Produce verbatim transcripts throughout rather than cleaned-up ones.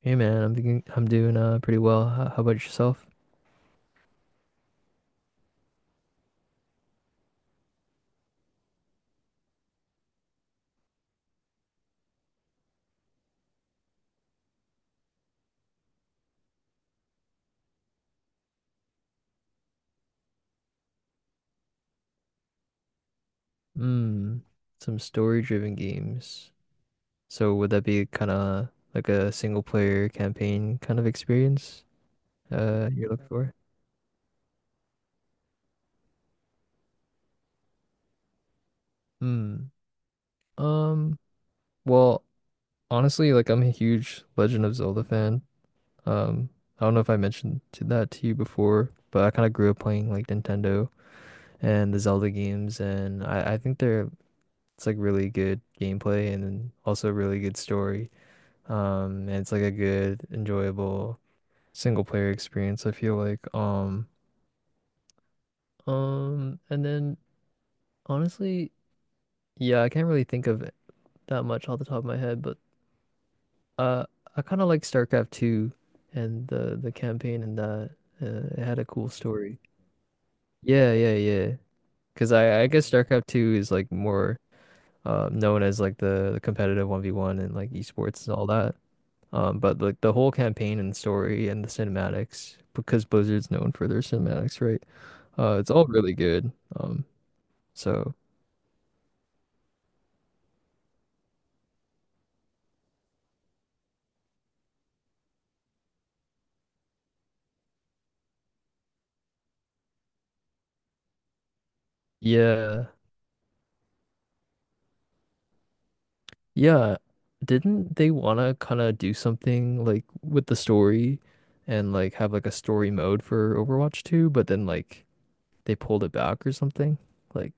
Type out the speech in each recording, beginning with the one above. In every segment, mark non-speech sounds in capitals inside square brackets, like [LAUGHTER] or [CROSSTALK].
Hey man, I'm thinking I'm doing uh pretty well. How, how about yourself? Hmm. Some story-driven games. So would that be kind of like a single-player campaign kind of experience uh you're looking for? Hmm. Um, well, Honestly, like I'm a huge Legend of Zelda fan. Um, I don't know if I mentioned to that to you before, but I kind of grew up playing like Nintendo and the Zelda games, and I I think they're it's like really good gameplay and then also really good story. Um, and it's like a good, enjoyable single player experience, I feel like. Um, um, and then honestly, yeah, I can't really think of that much off the top of my head, but uh I kind of like StarCraft two and the the campaign and that uh, it had a cool story. Yeah, yeah, yeah. 'Cause I I guess StarCraft two is like more uh, known as like the, the competitive one v one and like esports and all that. Um, but like the whole campaign and story and the cinematics, because Blizzard's known for their cinematics, right? Uh, it's all really good. Um, so yeah, yeah. Didn't they want to kind of do something like with the story and like have like a story mode for Overwatch two, but then like they pulled it back or something? Like,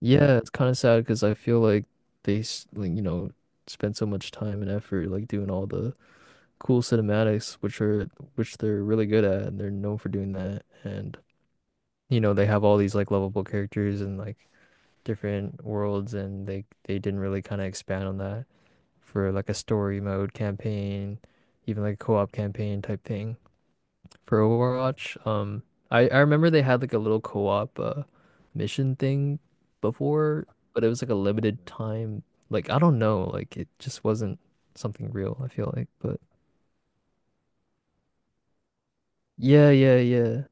yeah, it's kind of sad because I feel like they, s- like, you know, spent so much time and effort like doing all the cool cinematics, which are which they're really good at, and they're known for doing that. And you know, they have all these like lovable characters and like different worlds, and they they didn't really kind of expand on that for like a story mode campaign, even like a co-op campaign type thing for Overwatch. Um, I I remember they had like a little co-op uh, mission thing before, but it was like a limited time. Like I don't know, like it just wasn't something real, I feel like, but yeah, yeah, yeah.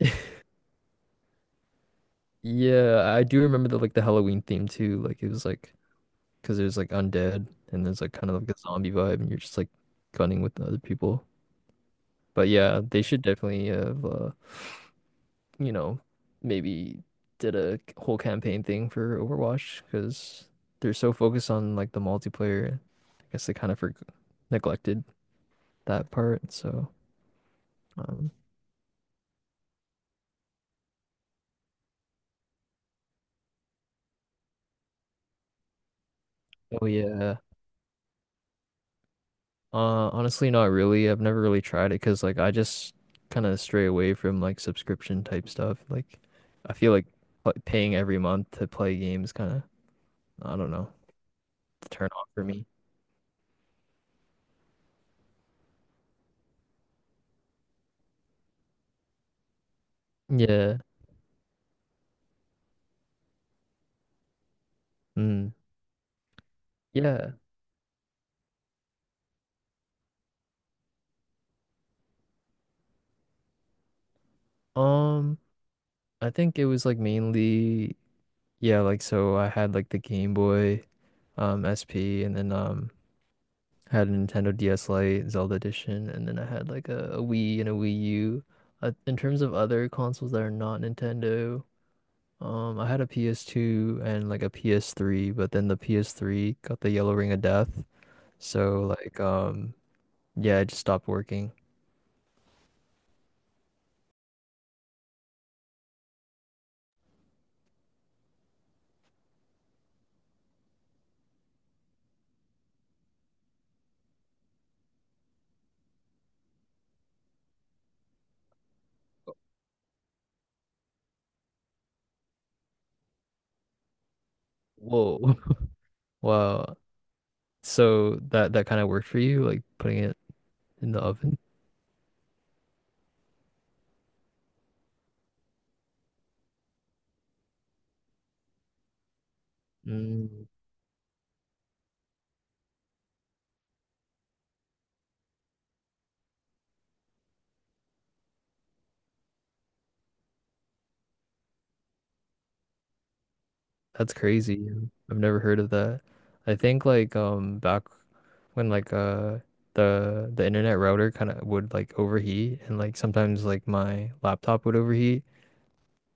[LAUGHS] Yeah, I do remember the like the Halloween theme too. Like it was like because there's like undead and there's like kind of like a zombie vibe, and you're just like gunning with the other people. But yeah, they should definitely have uh you know maybe did a whole campaign thing for Overwatch because they're so focused on like the multiplayer. I guess they kind of for neglected that part. So um, oh yeah. Uh, honestly, not really. I've never really tried it because, like, I just kind of stray away from like subscription type stuff. Like, I feel like pl- paying every month to play games kind of, I don't know, it's a turn off for me. Yeah. Mm. Yeah. Um, I think it was like mainly, yeah, like so I had like the Game Boy, um, S P, and then um I had a Nintendo D S Lite, Zelda Edition, and then I had like a, a Wii and a Wii U. Uh, in terms of other consoles that are not Nintendo. Um, I had a P S two and like a P S three, but then the P S three got the yellow ring of death. So like um yeah, it just stopped working. Whoa. [LAUGHS] Wow. So that that kind of worked for you, like putting it in the oven? Mm, that's crazy. I've never heard of that. I think like um back when like uh the the internet router kind of would like overheat and like sometimes like my laptop would overheat.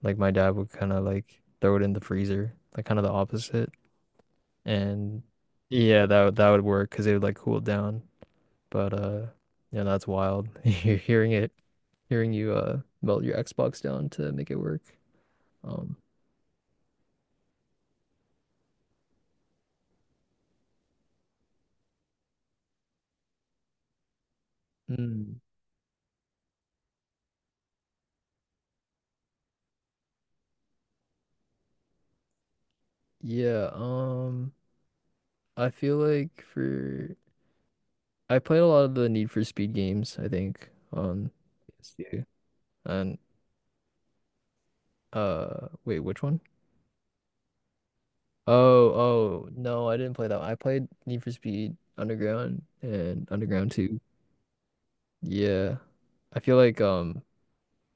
Like my dad would kind of like throw it in the freezer, like kind of the opposite. And yeah, that would- that would work because it would like cool it down. But uh, yeah, that's wild. [LAUGHS] You're hearing it, hearing you uh melt your Xbox down to make it work. Um, mm, yeah. Um, I feel like for I played a lot of the Need for Speed games. I think on P S two and uh, wait, which one? Oh, oh, no, I didn't play that one. I played Need for Speed Underground and Underground two. Yeah. I feel like um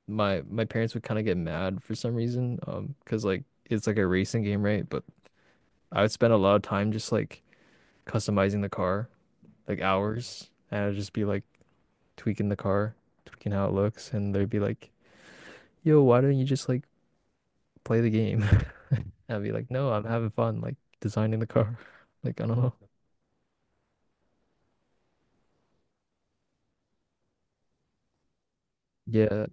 my my parents would kind of get mad for some reason um because like it's like a racing game, right? But I would spend a lot of time just like customizing the car, like hours, and I'd just be like tweaking the car, tweaking how it looks, and they'd be like, "Yo, why don't you just like play the game?" [LAUGHS] And I'd be like, "No, I'm having fun like designing the car." [LAUGHS] Like, I don't know. Yeah.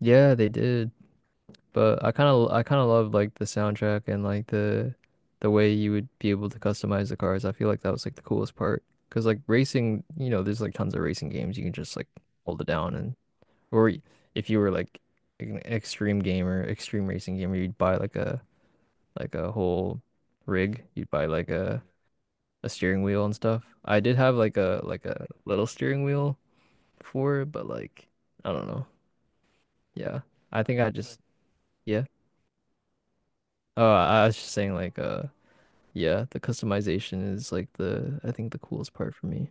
Yeah, they did. But I kind of I kind of love like the soundtrack and like the the way you would be able to customize the cars. I feel like that was like the coolest part because like racing, you know, there's like tons of racing games you can just like hold it down and or y- if you were like an extreme gamer, extreme racing gamer, you'd buy like a like a whole rig. You'd buy like a a steering wheel and stuff. I did have like a like a little steering wheel before, but like I don't know. Yeah. I think I just Yeah. Oh, I was just saying like uh yeah, the customization is like the I think the coolest part for me.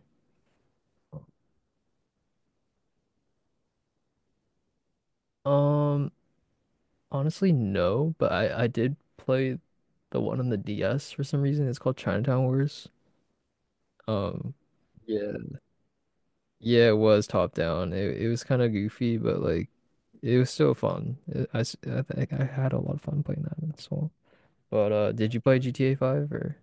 Um, honestly, no, but I I did play the one on the D S for some reason. It's called Chinatown Wars. Um, yeah, yeah, it was top down. It it was kind of goofy, but like it was still fun. It, I s- I think I had a lot of fun playing that as well. But uh, did you play G T A five or?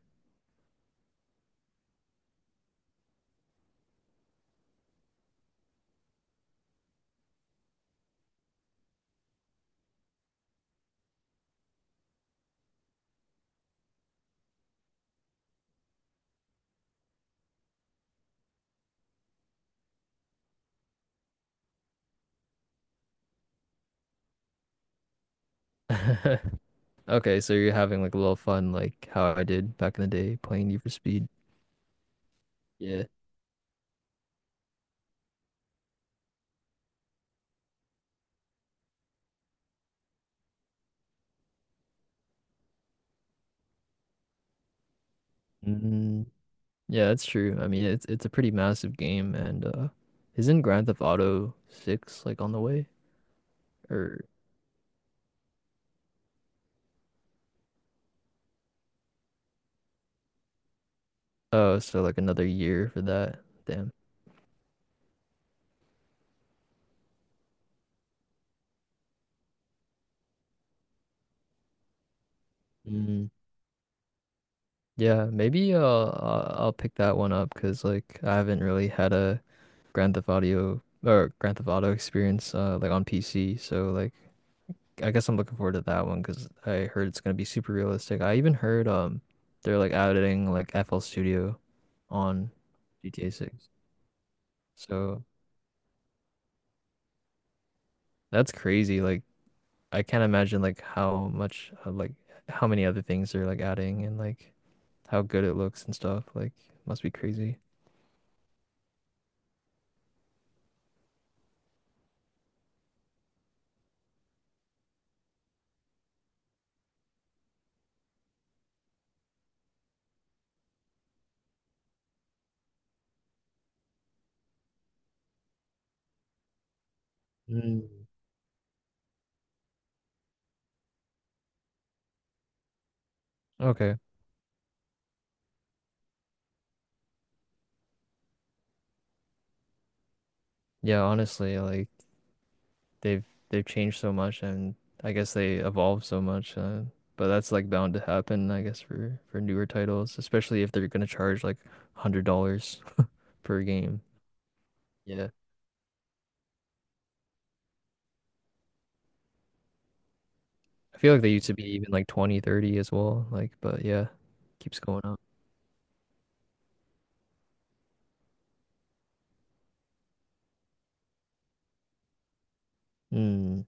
[LAUGHS] Okay, so you're having like a little fun, like how I did back in the day playing Need for Speed. Yeah. Mm, yeah, that's true. I mean, it's it's a pretty massive game, and uh, isn't Grand Theft Auto six like on the way? Or Oh, so like another year for that. Damn. Mm. Yeah, maybe uh, I'll I'll pick that one up because like I haven't really had a Grand Theft Audio or Grand Theft Auto experience uh like on P C, so like I guess I'm looking forward to that one because I heard it's gonna be super realistic. I even heard um they're like adding like F L Studio on G T A six. So. That's crazy. Like I can't imagine like how much uh, like how many other things they're like adding and like how good it looks and stuff. Like must be crazy. Mm. Okay. Yeah, honestly, like they've they've changed so much and I guess they evolved so much. Uh, but that's like bound to happen, I guess, for for newer titles, especially if they're gonna charge like a hundred dollars per game. Yeah. I feel like they used to be even like twenty, thirty as well. Like, but yeah, keeps going up. Mm-hmm.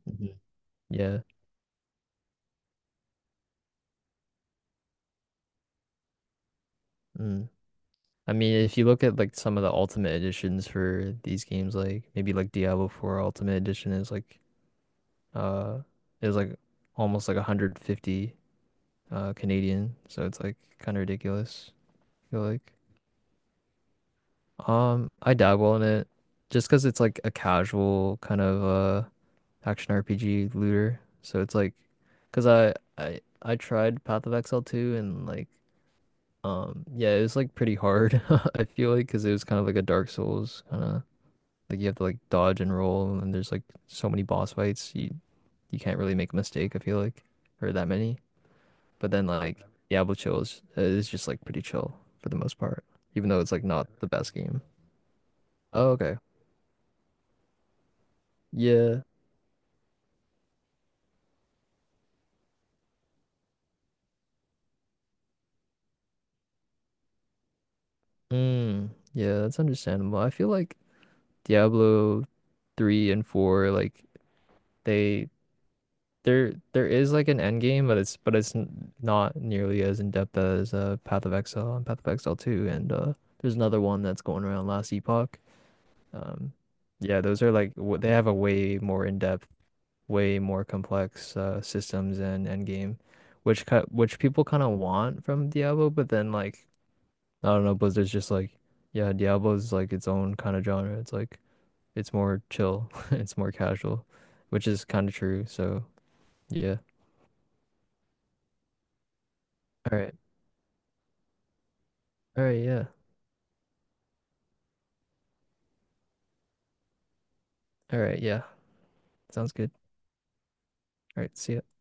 Yeah. Mm. I mean, if you look at like some of the ultimate editions for these games, like maybe like Diablo four Ultimate Edition is like uh is like almost like a hundred fifty uh Canadian, so it's like kind of ridiculous, I feel like. Um, I dabble in it just cause it's like a casual kind of uh action R P G looter. So it's like, cause I I I tried Path of Exile two and like um yeah, it was like pretty hard. [LAUGHS] I feel like cause it was kind of like a Dark Souls kind of like you have to like dodge and roll, and there's like so many boss fights. You you can't really make a mistake. I feel like, or that many. But then like Diablo Chill is uh, is just like pretty chill for the most part, even though it's like not the best game. Oh, okay. Yeah. Mm, yeah, that's understandable. I feel like Diablo three and four like they there there is like an end game, but it's but it's n not nearly as in depth as uh Path of Exile and Path of Exile two and uh there's another one that's going around, last epoch. Um, yeah, those are like w- they have a way more in-depth, way more complex uh, systems and end game, which cut which people kind of want from Diablo, but then like I don't know, Blizzard's just like, yeah, Diablo's like its own kind of genre. It's like it's more chill, [LAUGHS] it's more casual, which is kind of true. So yeah. All right. All right. Yeah. All right. Yeah. Sounds good. All right. See ya.